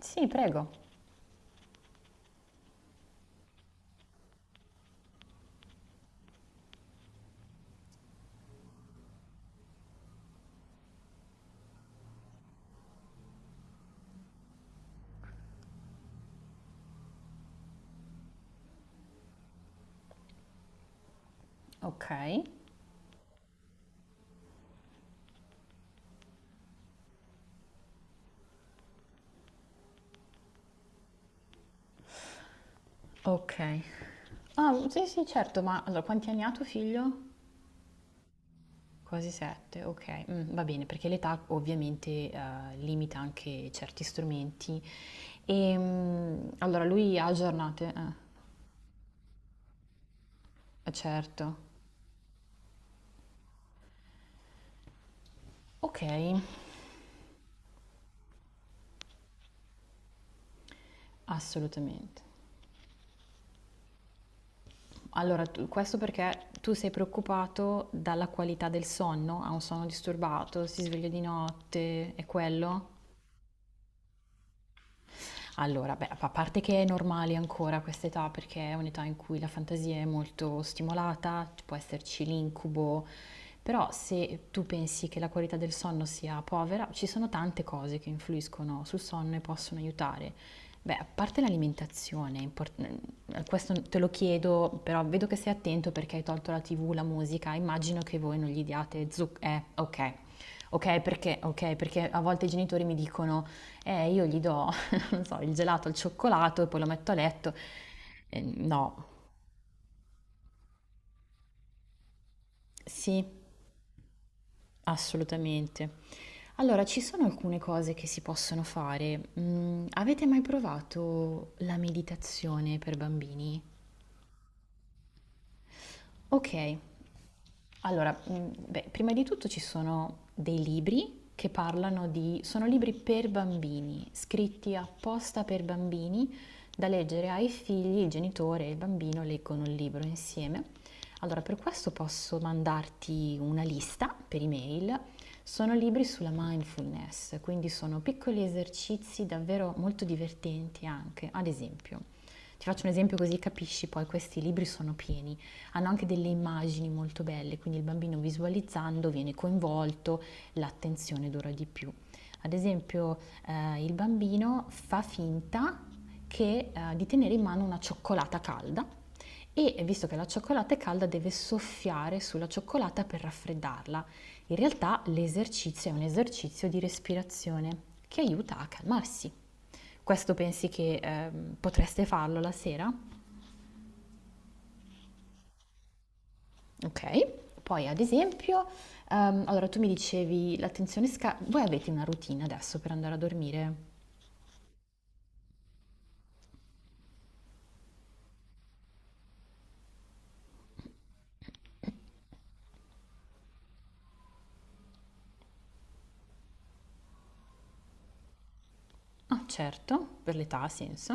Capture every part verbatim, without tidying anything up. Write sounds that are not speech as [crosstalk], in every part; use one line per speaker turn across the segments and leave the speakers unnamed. Sì, prego. Ok. Ok. Ah, sì, sì, certo, ma allora quanti anni ha tuo figlio? Quasi sette, ok. Mm, va bene, perché l'età ovviamente eh, limita anche certi strumenti. E, mm, allora lui ha giornate? Eh, eh, certo. Ok, assolutamente. Allora, tu- questo perché tu sei preoccupato dalla qualità del sonno? Ha un sonno disturbato? Si sveglia di notte? È quello? Allora, beh, a parte che è normale ancora questa età, perché è un'età in cui la fantasia è molto stimolata, ci può esserci l'incubo, però se tu pensi che la qualità del sonno sia povera, ci sono tante cose che influiscono sul sonno e possono aiutare. Beh, a parte l'alimentazione, è import- eh, questo te lo chiedo, però vedo che sei attento perché hai tolto la ti vu, la musica, immagino che voi non gli diate zuc... Eh, ok. Ok, perché, ok, perché a volte i genitori mi dicono, eh, io gli do non so, il gelato al cioccolato e poi lo metto a letto. Eh, no, sì, assolutamente. Allora, ci sono alcune cose che si possono fare. Mm, avete mai provato la meditazione per bambini? Ok, allora, mh, beh, prima di tutto ci sono dei libri che parlano di... sono libri per bambini, scritti apposta per bambini, da leggere ai figli, il genitore e il bambino leggono il libro insieme. Allora, per questo posso mandarti una lista per email. Sono libri sulla mindfulness, quindi sono piccoli esercizi davvero molto divertenti anche. Ad esempio, ti faccio un esempio così capisci, poi questi libri sono pieni hanno anche delle immagini molto belle, quindi il bambino visualizzando viene coinvolto, l'attenzione dura di più. Ad esempio, eh, il bambino fa finta che, eh, di tenere in mano una cioccolata calda e visto che la cioccolata è calda deve soffiare sulla cioccolata per raffreddarla. In realtà l'esercizio è un esercizio di respirazione che aiuta a calmarsi. Questo pensi che eh, potreste farlo la sera? Okay. Poi ad esempio, ehm, allora tu mi dicevi l'attenzione sca voi avete una routine adesso per andare a dormire? Ah, certo, per l'età ha senso.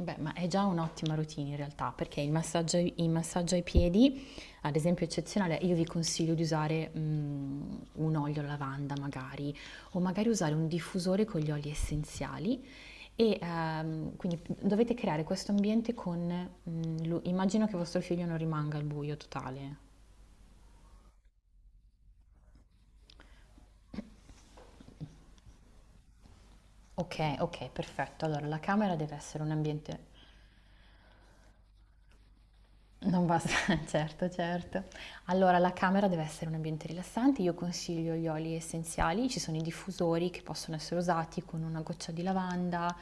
Beh, ma è già un'ottima routine in realtà, perché il massaggio ai il massaggio ai piedi, ad esempio è eccezionale, io vi consiglio di usare, mhmm, un olio alla lavanda magari, o magari usare un diffusore con gli oli essenziali e, ehm, quindi dovete creare questo ambiente con, mhmm, lu immagino che vostro figlio non rimanga al buio totale. Ok, ok, perfetto. Allora la camera deve essere un ambiente non basta, [laughs] certo, certo. Allora, la camera deve essere un ambiente rilassante. Io consiglio gli oli essenziali, ci sono i diffusori che possono essere usati con una goccia di lavanda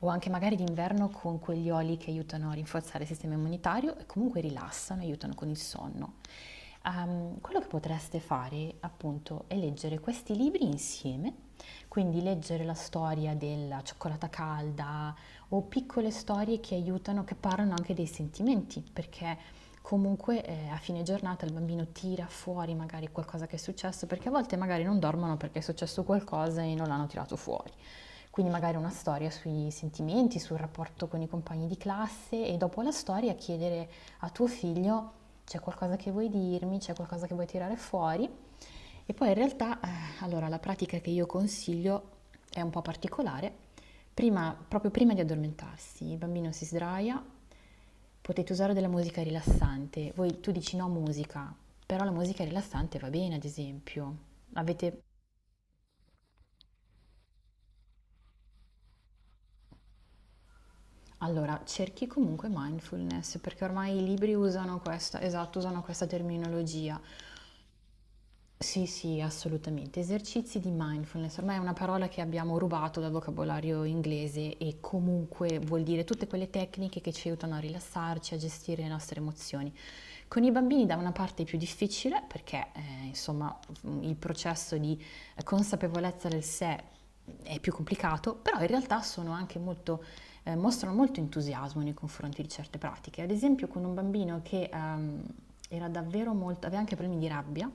o anche magari d'inverno con quegli oli che aiutano a rinforzare il sistema immunitario e comunque rilassano, aiutano con il sonno. Ehm, quello che potreste fare, appunto, è leggere questi libri insieme, quindi leggere la storia della cioccolata calda o piccole storie che aiutano, che parlano anche dei sentimenti, perché comunque eh, a fine giornata il bambino tira fuori magari qualcosa che è successo, perché a volte magari non dormono perché è successo qualcosa e non l'hanno tirato fuori. Quindi magari una storia sui sentimenti, sul rapporto con i compagni di classe e dopo la storia chiedere a tuo figlio c'è qualcosa che vuoi dirmi, c'è qualcosa che vuoi tirare fuori e poi in realtà, eh, allora, la pratica che io consiglio è un po' particolare. Prima, proprio prima di addormentarsi, il bambino si sdraia, potete usare della musica rilassante. Voi, tu dici no musica, però la musica rilassante va bene, ad esempio. Avete, allora, cerchi comunque mindfulness, perché ormai i libri usano questa, esatto, usano questa terminologia. Sì, sì, assolutamente. Esercizi di mindfulness, ormai è una parola che abbiamo rubato dal vocabolario inglese e comunque vuol dire tutte quelle tecniche che ci aiutano a rilassarci, a gestire le nostre emozioni. Con i bambini da una parte è più difficile perché eh, insomma mm, il processo di consapevolezza del sé è più complicato, però in realtà sono anche molto eh, mostrano molto entusiasmo nei confronti di certe pratiche. Ad esempio con un bambino che ehm, era davvero molto, aveva anche problemi di rabbia,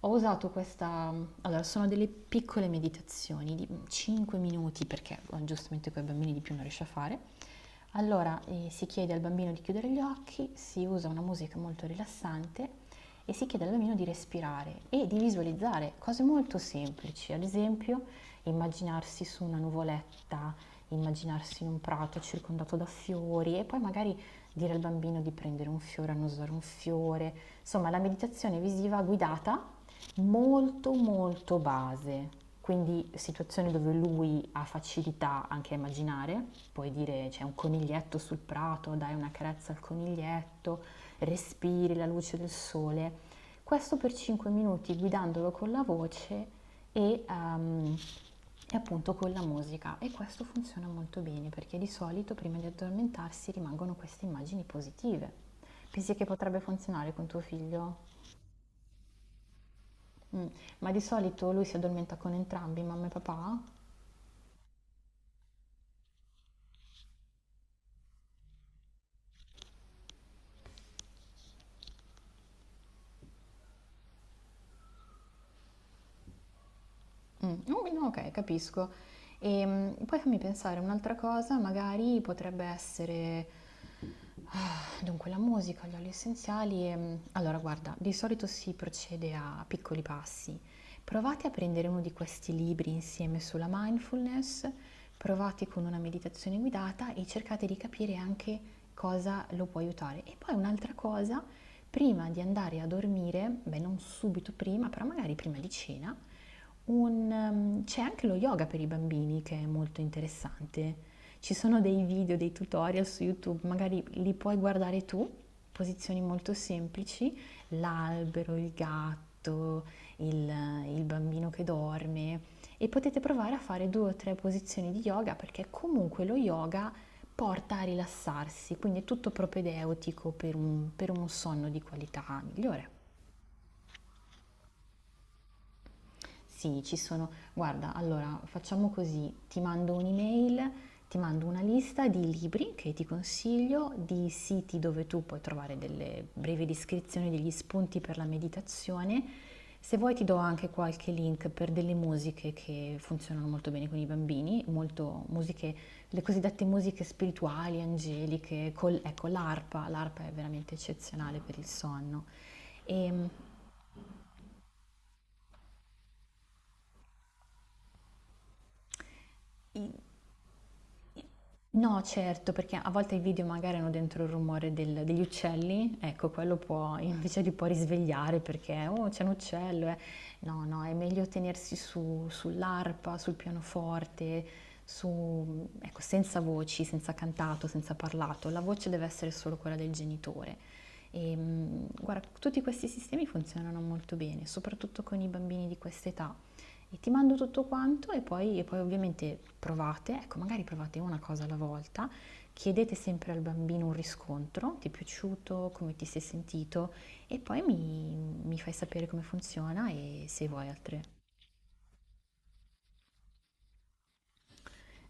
ho usato questa, allora sono delle piccole meditazioni di cinque minuti perché eh, giustamente con i bambini di più non riesce a fare. Allora eh, si chiede al bambino di chiudere gli occhi, si usa una musica molto rilassante e si chiede al bambino di respirare e di visualizzare cose molto semplici, ad esempio immaginarsi su una nuvoletta immaginarsi in un prato circondato da fiori e poi magari dire al bambino di prendere un fiore, annusare un fiore. Insomma, la meditazione visiva guidata molto molto base, quindi situazioni dove lui ha facilità anche a immaginare, puoi dire c'è un coniglietto sul prato, dai una carezza al coniglietto, respiri la luce del sole. Questo per cinque minuti guidandolo con la voce e, ehm, e appunto con la musica e questo funziona molto bene perché di solito prima di addormentarsi rimangono queste immagini positive. Pensi che potrebbe funzionare con tuo figlio? Mm. Ma di solito lui si addormenta con entrambi, mamma e papà? Mm, oh, no, ok, capisco. E mm, poi fammi pensare, un'altra cosa magari potrebbe essere... ah, dunque, la musica, gli oli essenziali. ehm, Allora, guarda, di solito si procede a piccoli passi. Provate a prendere uno di questi libri insieme sulla mindfulness, provate con una meditazione guidata e cercate di capire anche cosa lo può aiutare. E poi un'altra cosa, prima di andare a dormire, beh, non subito prima, però magari prima di cena un, ehm, c'è anche lo yoga per i bambini che è molto interessante. Ci sono dei video, dei tutorial su YouTube, magari li puoi guardare tu, posizioni molto semplici, l'albero, il gatto, il, il bambino che dorme e potete provare a fare due o tre posizioni di yoga perché comunque lo yoga porta a rilassarsi, quindi è tutto propedeutico per un- per uno sonno di qualità migliore. Sì, ci sono. Guarda, allora facciamo così: ti mando un'email, ti mando una lista di libri che ti consiglio, di siti dove tu puoi trovare delle brevi descrizioni, degli spunti per la meditazione. Se vuoi ti do anche qualche link per delle musiche che funzionano molto bene con i bambini, molto musiche, le cosiddette musiche spirituali, angeliche, col- ecco l'arpa, l'arpa è veramente eccezionale per il sonno. E, No, certo, perché a volte i video magari hanno dentro il rumore del- degli uccelli, ecco, quello può [laughs] invece li può risvegliare perché, oh, c'è un uccello. Eh". No, no, è meglio tenersi su, sull'arpa, sul pianoforte, su, ecco, senza voci, senza cantato, senza parlato. La voce deve essere solo quella del genitore. E, mh, guarda, tutti questi sistemi funzionano molto bene, soprattutto con i bambini di questa età e ti mando tutto quanto e poi, e poi ovviamente provate, ecco magari provate una cosa alla volta, chiedete sempre al bambino un riscontro, ti è piaciuto, come ti sei sentito e poi mi, mi fai sapere come funziona e se vuoi altre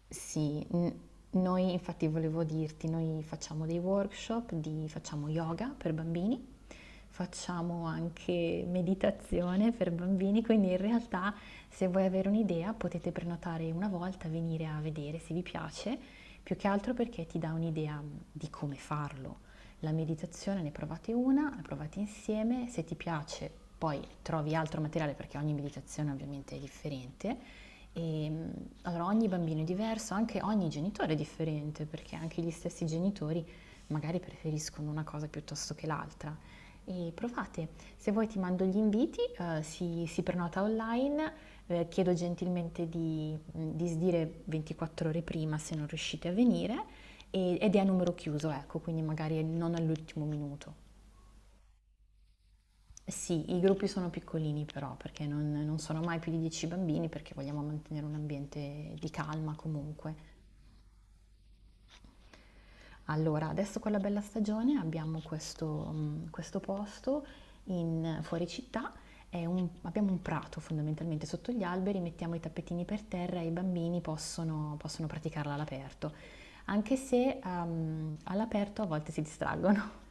sì, n- noi infatti volevo dirti, noi facciamo dei workshop di, facciamo yoga per bambini, facciamo anche meditazione per bambini, quindi in realtà se vuoi avere un'idea potete prenotare una volta, venire a vedere se vi piace, più che altro perché ti dà un'idea mm, di come farlo. La meditazione ne provate una, la provate insieme, se ti piace poi trovi altro materiale perché ogni meditazione ovviamente è differente e, mh, allora ogni bambino è diverso, anche ogni genitore è differente, perché anche gli stessi genitori magari preferiscono una cosa piuttosto che l'altra. E provate, se vuoi ti mando gli inviti, eh, si, si prenota online, eh, chiedo gentilmente di, mm, di sdire ventiquattro ore prima se non riuscite a venire e- ed è a numero chiuso, ecco, quindi magari non all'ultimo minuto. Sì, i gruppi sono piccolini però, perché non, non sono mai più di dieci bambini, perché vogliamo mantenere un ambiente di calma comunque. Allora, adesso con la bella stagione abbiamo questo, mm, questo posto in, fuori città, è un- abbiamo un prato fondamentalmente sotto gli alberi, mettiamo i tappetini per terra e i bambini possono, possono praticarla all'aperto, anche se ehm, all'aperto a volte si distraggono.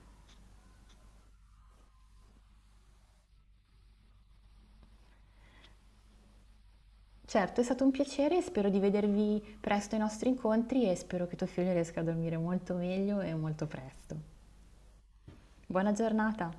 Certo, è stato un piacere e spero di vedervi presto ai nostri incontri e spero che tuo figlio riesca a dormire molto meglio e molto presto. Buona giornata!